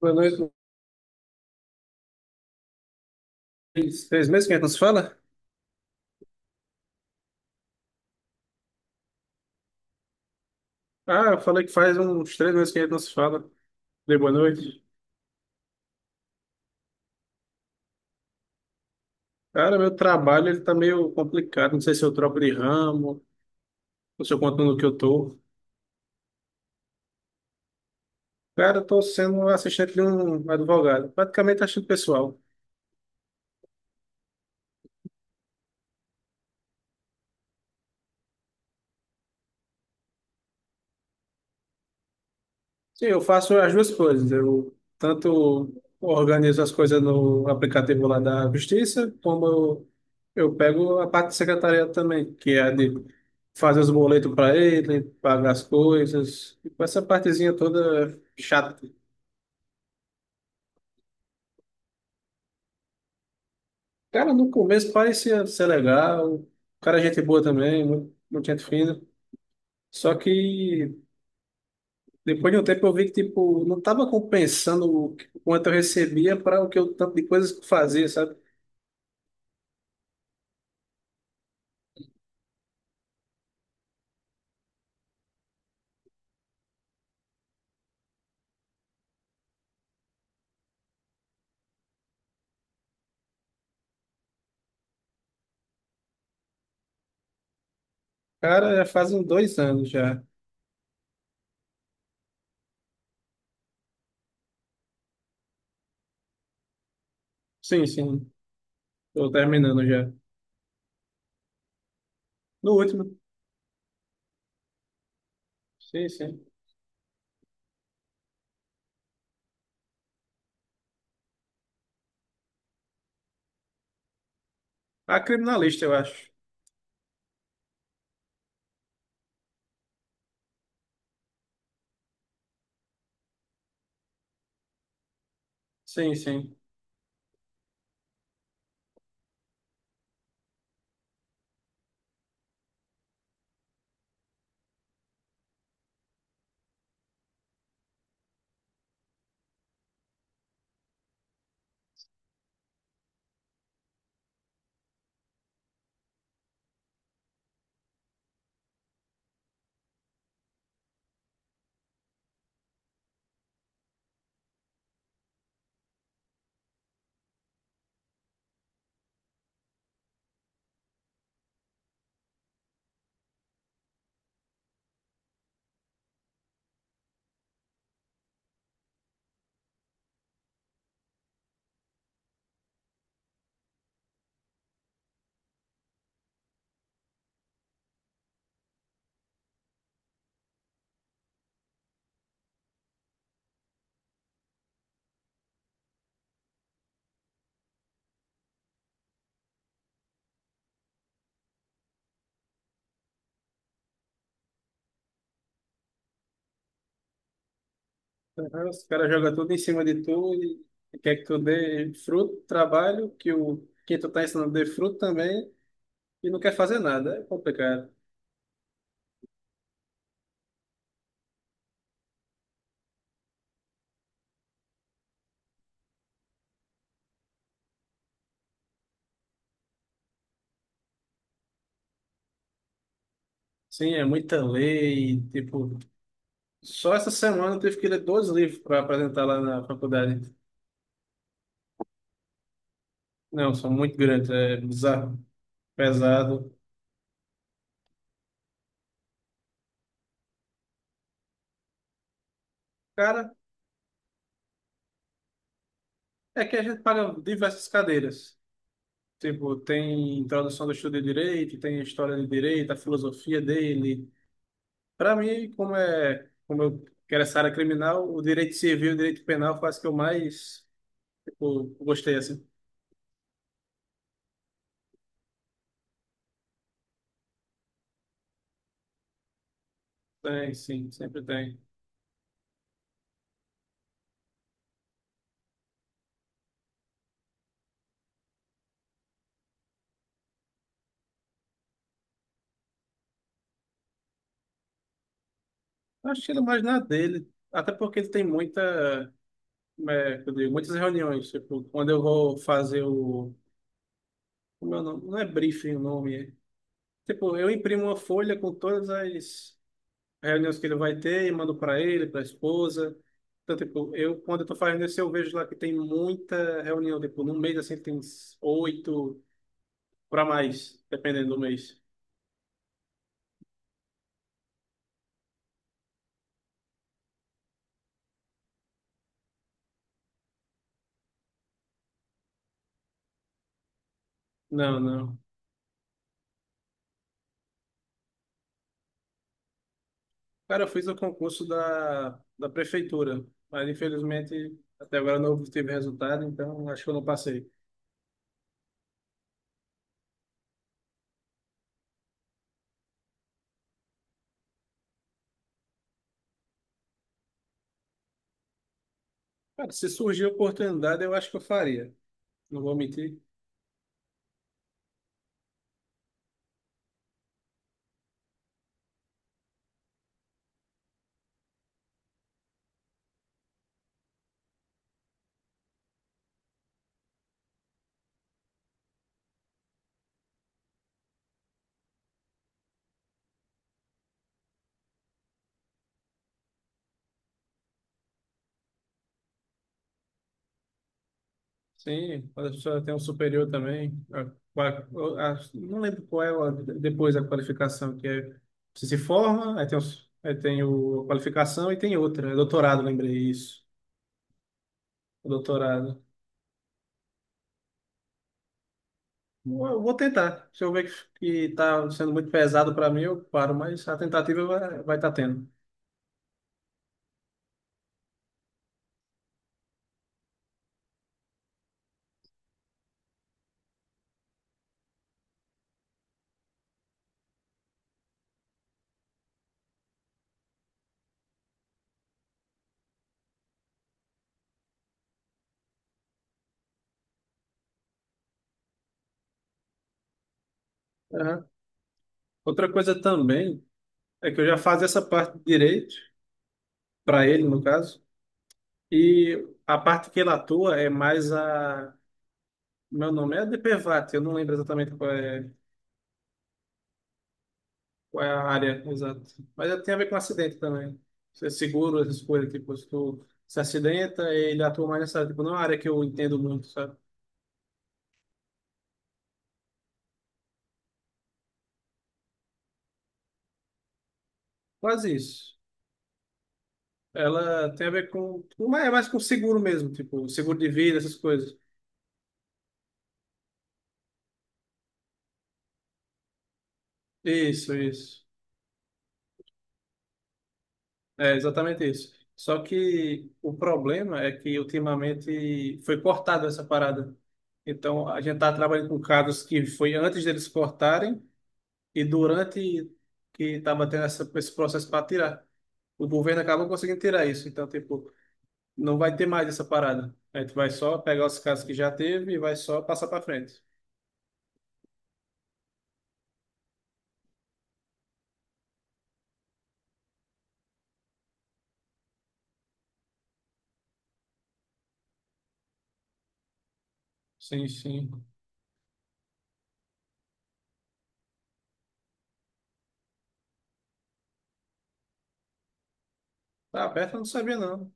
Boa noite. Três meses que a gente não se fala? Ah, eu falei que faz uns três meses que a gente não se fala. Dei boa noite. Cara, meu trabalho ele tá meio complicado. Não sei se eu troco de ramo, ou se eu continuo no que eu tô. Cara, eu tô sendo um assistente de um advogado. Praticamente assistente pessoal. Sim, eu faço as duas coisas. Eu tanto organizo as coisas no aplicativo lá da Justiça, como eu pego a parte de secretariado também, que é a de fazer os boletos para ele, pagar as coisas, e com essa partezinha toda chata. Cara, no começo parecia ser legal, o cara é gente boa também, muita gente fina. Só que depois de um tempo eu vi que tipo, não estava compensando o quanto eu recebia para o que eu tanto de coisas que eu fazia, sabe? Cara, já fazem dois anos já. Sim, sim. Tô terminando já. No último. Sim, sim. A criminalista, eu acho. Sim, sim. Aham. Os caras jogam tudo em cima de tu e quer que tu dê fruto, trabalho, que o quem tu tá ensinando dê fruto também e não quer fazer nada. É complicado. Sim, é muita lei. Tipo, só essa semana eu tive que ler dois livros para apresentar lá na faculdade. Não, são muito grandes, é bizarro, pesado. Cara, é que a gente paga diversas cadeiras. Tipo, tem introdução do estudo de direito, tem a história de direito, a filosofia dele. Para mim, como é, como eu quero essa área criminal, o direito civil e o direito penal faz que eu mais, tipo, gostei assim. Tem, sim, sempre tem. Acho que ele mais na dele, até porque ele tem muita, que eu digo, muitas reuniões, tipo, quando eu vou fazer o, como é o nome? Não é briefing o nome, é. Tipo, eu imprimo uma folha com todas as reuniões que ele vai ter e mando para ele, para a esposa. Então, tipo, quando eu tô fazendo isso, eu vejo lá que tem muita reunião, tipo, no mês, assim, tem uns oito para mais, dependendo do mês. Não, não. Cara, eu fiz o concurso da prefeitura, mas infelizmente até agora não obtive resultado, então acho que eu não passei. Cara, se surgir a oportunidade, eu acho que eu faria. Não vou mentir. Sim, quando a pessoa tem um superior também. A- qua- eu acho- não lembro qual é a- Depois a qualificação, que é, você se forma, aí tem, aí tem a qualificação e tem outra. É doutorado, lembrei isso. O doutorado. Vou eu vou tentar. Se eu ver que está sendo muito pesado para mim, eu paro, mas a tentativa vai estar tendo. Aham. Outra coisa também é que eu já fazia essa parte de direito, para ele, no caso, e a parte que ele atua é mais a. Meu nome é DPVAT, eu não lembro exatamente qual é a área exata. Tem a ver com acidente também. Você seguro, essas coisas, tipo, se tu se acidenta, ele atua mais nessa área. Tipo, não é uma área que eu entendo muito, sabe? Quase isso. Ela tem a ver com. Mas é mais com seguro mesmo, tipo, seguro de vida, essas coisas. Isso, isso. É exatamente isso. Só que o problema é que ultimamente foi cortada essa parada. Então, a gente tá trabalhando com casos que foi antes deles cortarem. E durante que estava tendo esse processo para tirar, o governo acabou conseguindo tirar isso. Então, tipo, não vai ter mais essa parada. A gente vai só pegar os casos que já teve e vai só passar para frente. Sim, sim. Tá aberto, eu não sabia não.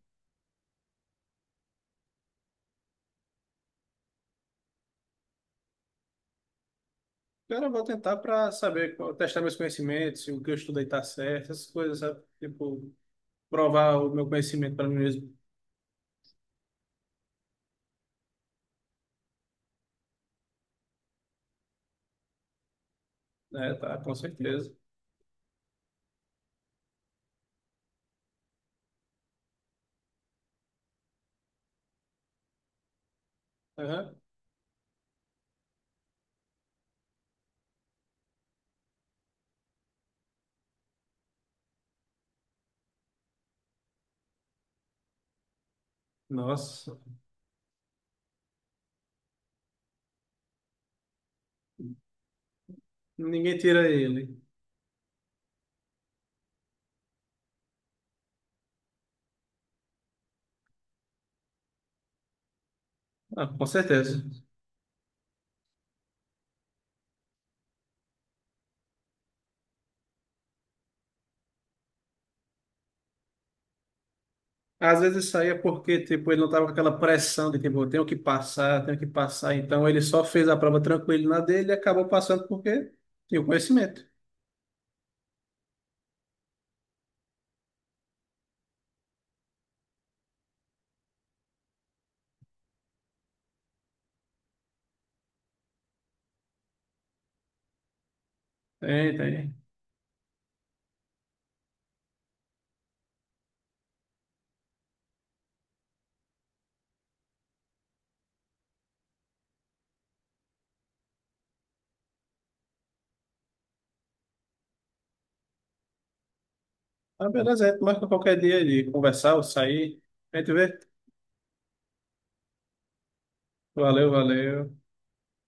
Agora eu vou tentar para saber, testar meus conhecimentos, se o que eu estudei tá certo, essas coisas, sabe? Tipo, provar o meu conhecimento para mim mesmo. É, tá, com certeza. Aham. Nossa, ninguém tira ele. Ah, com certeza. Às vezes saía porque, tipo, ele não tava com aquela pressão de, tipo, eu tenho que passar, tenho que passar. Então ele só fez a prova tranquilo na dele e acabou passando porque tinha o conhecimento. Tem, tem. Ah, beleza, a gente marca qualquer dia de conversar ou sair. A gente vê. Valeu, valeu.